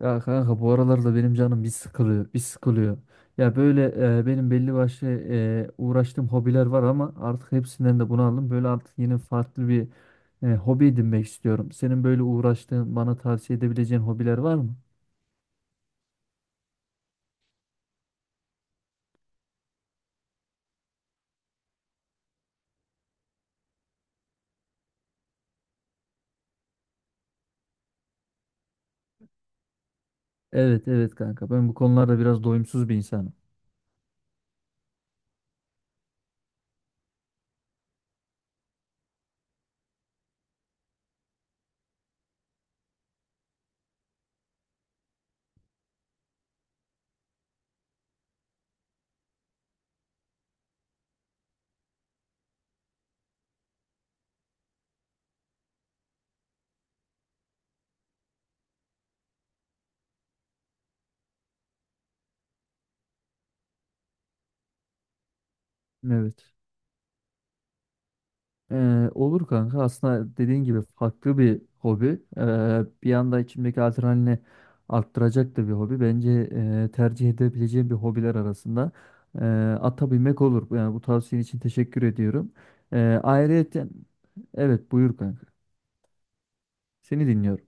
Ya kanka bu aralarda benim canım bir sıkılıyor, bir sıkılıyor. Ya böyle benim belli başlı uğraştığım hobiler var ama artık hepsinden de bunu aldım. Böyle artık yeni farklı bir hobi edinmek istiyorum. Senin böyle uğraştığın, bana tavsiye edebileceğin hobiler var mı? Evet, evet kanka. Ben bu konularda biraz doyumsuz bir insanım. Evet. Olur kanka. Aslında dediğin gibi farklı bir hobi. Bir anda içimdeki adrenalini arttıracak da bir hobi. Bence tercih edebileceğim bir hobiler arasında e, ata binmek olur. Yani bu tavsiyen için teşekkür ediyorum. Ee, ayrıyeten evet buyur kanka. Seni dinliyorum.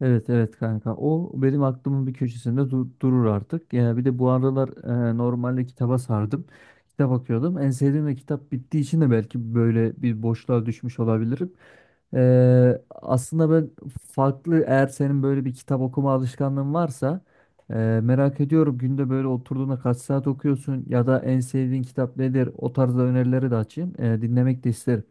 Evet evet kanka o benim aklımın bir köşesinde durur artık. Ya bir de bu aralar normalde kitaba sardım. Kitap okuyordum. En sevdiğim de kitap bittiği için de belki böyle bir boşluğa düşmüş olabilirim. Aslında ben farklı eğer senin böyle bir kitap okuma alışkanlığın varsa merak ediyorum günde böyle oturduğunda kaç saat okuyorsun ya da en sevdiğin kitap nedir? O tarzda önerileri de açayım. Dinlemek de isterim.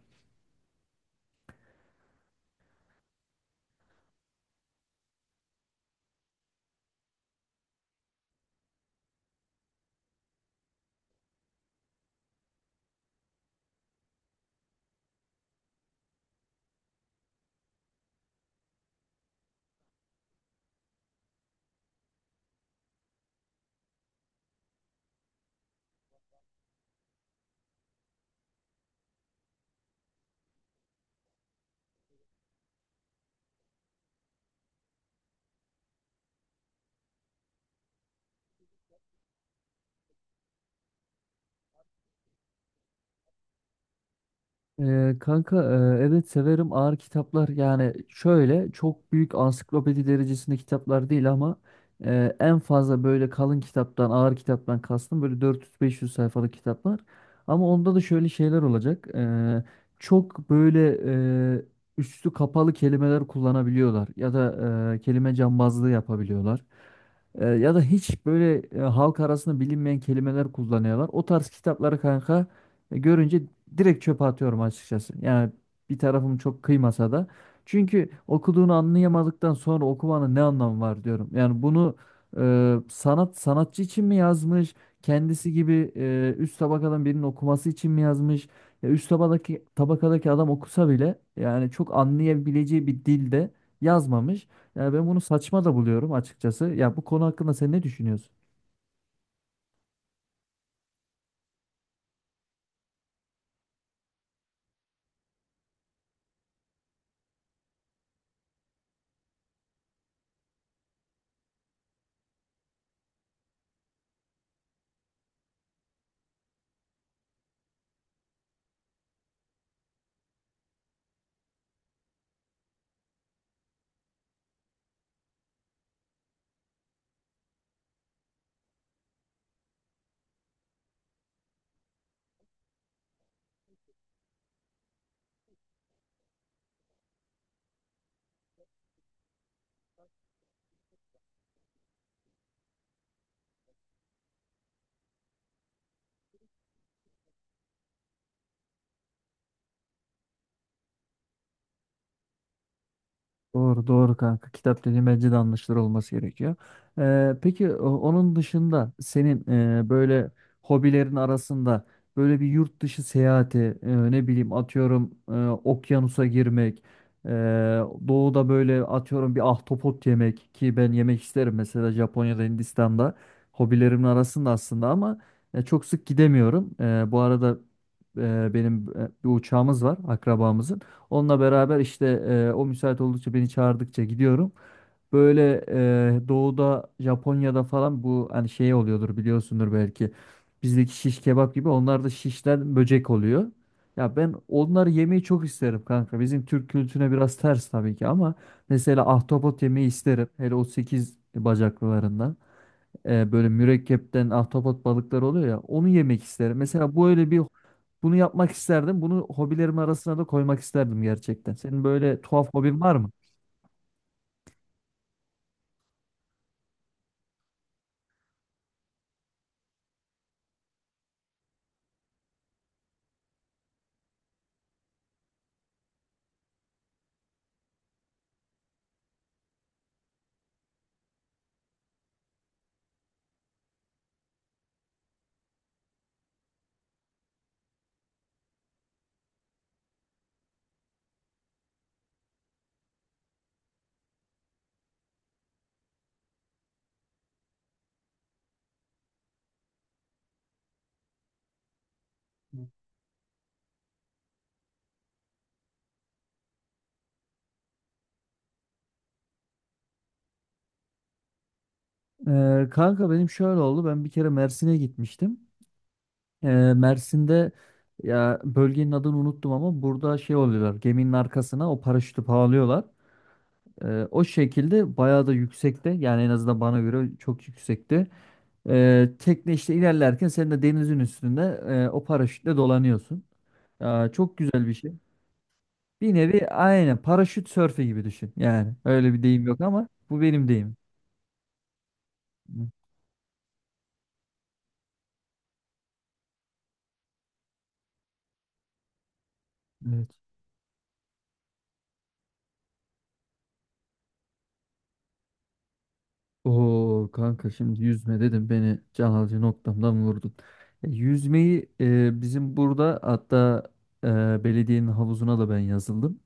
Kanka evet severim ağır kitaplar yani şöyle çok büyük ansiklopedi derecesinde kitaplar değil ama en fazla böyle kalın kitaptan ağır kitaptan kastım böyle 400-500 sayfalık kitaplar ama onda da şöyle şeyler olacak. Çok böyle e, üstü kapalı kelimeler kullanabiliyorlar ya da kelime cambazlığı yapabiliyorlar. Ya da hiç böyle halk arasında bilinmeyen kelimeler kullanıyorlar. O tarz kitapları kanka görünce direkt çöpe atıyorum açıkçası. Yani bir tarafım çok kıymasa da. Çünkü okuduğunu anlayamadıktan sonra okumanın ne anlamı var diyorum. Yani bunu sanat sanatçı için mi yazmış? Kendisi gibi üst tabakadan birinin okuması için mi yazmış? Ya üst tabakadaki adam okusa bile yani çok anlayabileceği bir dilde yazmamış. Yani ben bunu saçma da buluyorum açıkçası. Ya bu konu hakkında sen ne düşünüyorsun? Doğru doğru kanka. Kitap dediğin bence de anlaşılır olması gerekiyor. Peki onun dışında senin böyle hobilerin arasında böyle bir yurt dışı seyahati ne bileyim atıyorum okyanusa girmek, e, doğuda böyle atıyorum bir ahtapot yemek ki ben yemek isterim mesela Japonya'da, Hindistan'da hobilerimin arasında aslında ama çok sık gidemiyorum. Bu arada benim bir uçağımız var akrabamızın. Onunla beraber işte o müsait oldukça beni çağırdıkça gidiyorum. Böyle doğuda Japonya'da falan bu hani şey oluyordur biliyorsundur belki. Bizdeki şiş kebap gibi onlar da şişten böcek oluyor. Ya ben onları yemeyi çok isterim kanka. Bizim Türk kültürüne biraz ters tabii ki ama mesela ahtapot yemeyi isterim. Hele o 8 bacaklılarından. Böyle mürekkepten ahtapot balıkları oluyor ya onu yemek isterim. Mesela bu öyle bir bunu yapmak isterdim. Bunu hobilerim arasına da koymak isterdim gerçekten. Senin böyle tuhaf hobin var mı? Kanka benim şöyle oldu. Ben bir kere Mersin'e gitmiştim. Ee, Mersin'de ya bölgenin adını unuttum ama burada şey oluyorlar. Geminin arkasına o paraşütü bağlıyorlar. O şekilde bayağı da yüksekte. Yani en azından bana göre çok yüksekti. Tekne işte ilerlerken sen de denizin üstünde o paraşütle dolanıyorsun. Ya, çok güzel bir şey. Bir nevi aynen paraşüt sörfü gibi düşün. Yani öyle bir deyim yok ama bu benim deyimim. Hı, Evet. Oo kanka şimdi yüzme dedim beni can alıcı noktamdan vurdun. Yüzmeyi bizim burada hatta belediyenin havuzuna da ben yazıldım.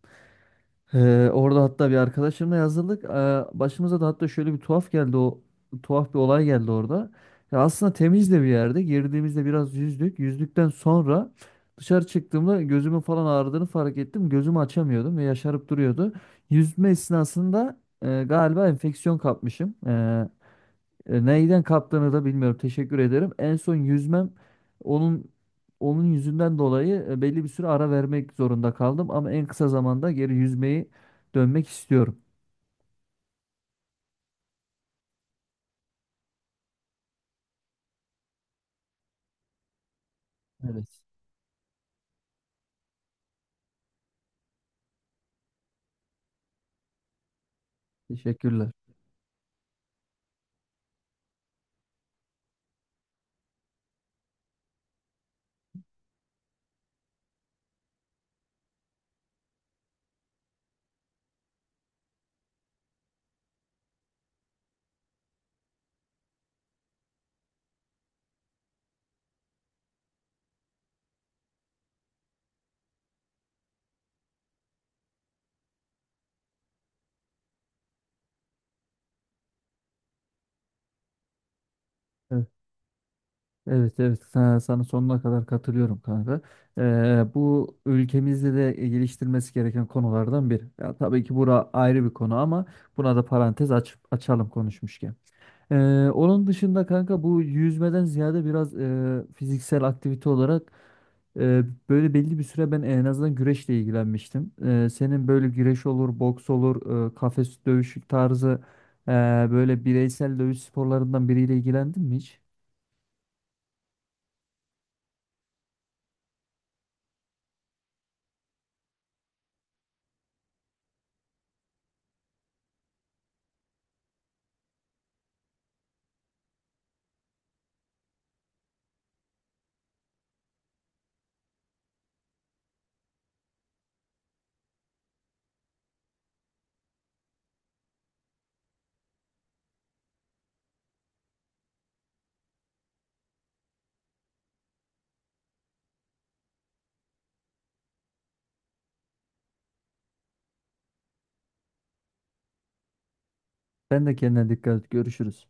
Orada hatta bir arkadaşımla yazıldık. Başımıza da hatta şöyle bir tuhaf geldi o tuhaf bir olay geldi orada. Ya aslında temiz de bir yerde. Girdiğimizde biraz yüzdük. Yüzdükten sonra dışarı çıktığımda gözümün falan ağrıdığını fark ettim. Gözümü açamıyordum ve yaşarıp duruyordu. Yüzme esnasında galiba enfeksiyon kapmışım. Neyden kaptığını da bilmiyorum. Teşekkür ederim. En son yüzmem onun onun yüzünden dolayı belli bir süre ara vermek zorunda kaldım ama en kısa zamanda geri yüzmeyi dönmek istiyorum. Evet. Teşekkürler. Evet. Evet evet sana sonuna kadar katılıyorum kanka. Bu ülkemizde de geliştirmesi gereken konulardan biri. Ya, tabii ki bura ayrı bir konu ama buna da parantez açalım konuşmuşken. Onun dışında kanka bu yüzmeden ziyade biraz fiziksel aktivite olarak e, böyle belli bir süre ben en azından güreşle ilgilenmiştim. Senin böyle güreş olur, boks olur, kafes dövüşü tarzı e, böyle bireysel dövüş sporlarından biriyle ilgilendin mi hiç? Ben de kendine dikkat et. Görüşürüz.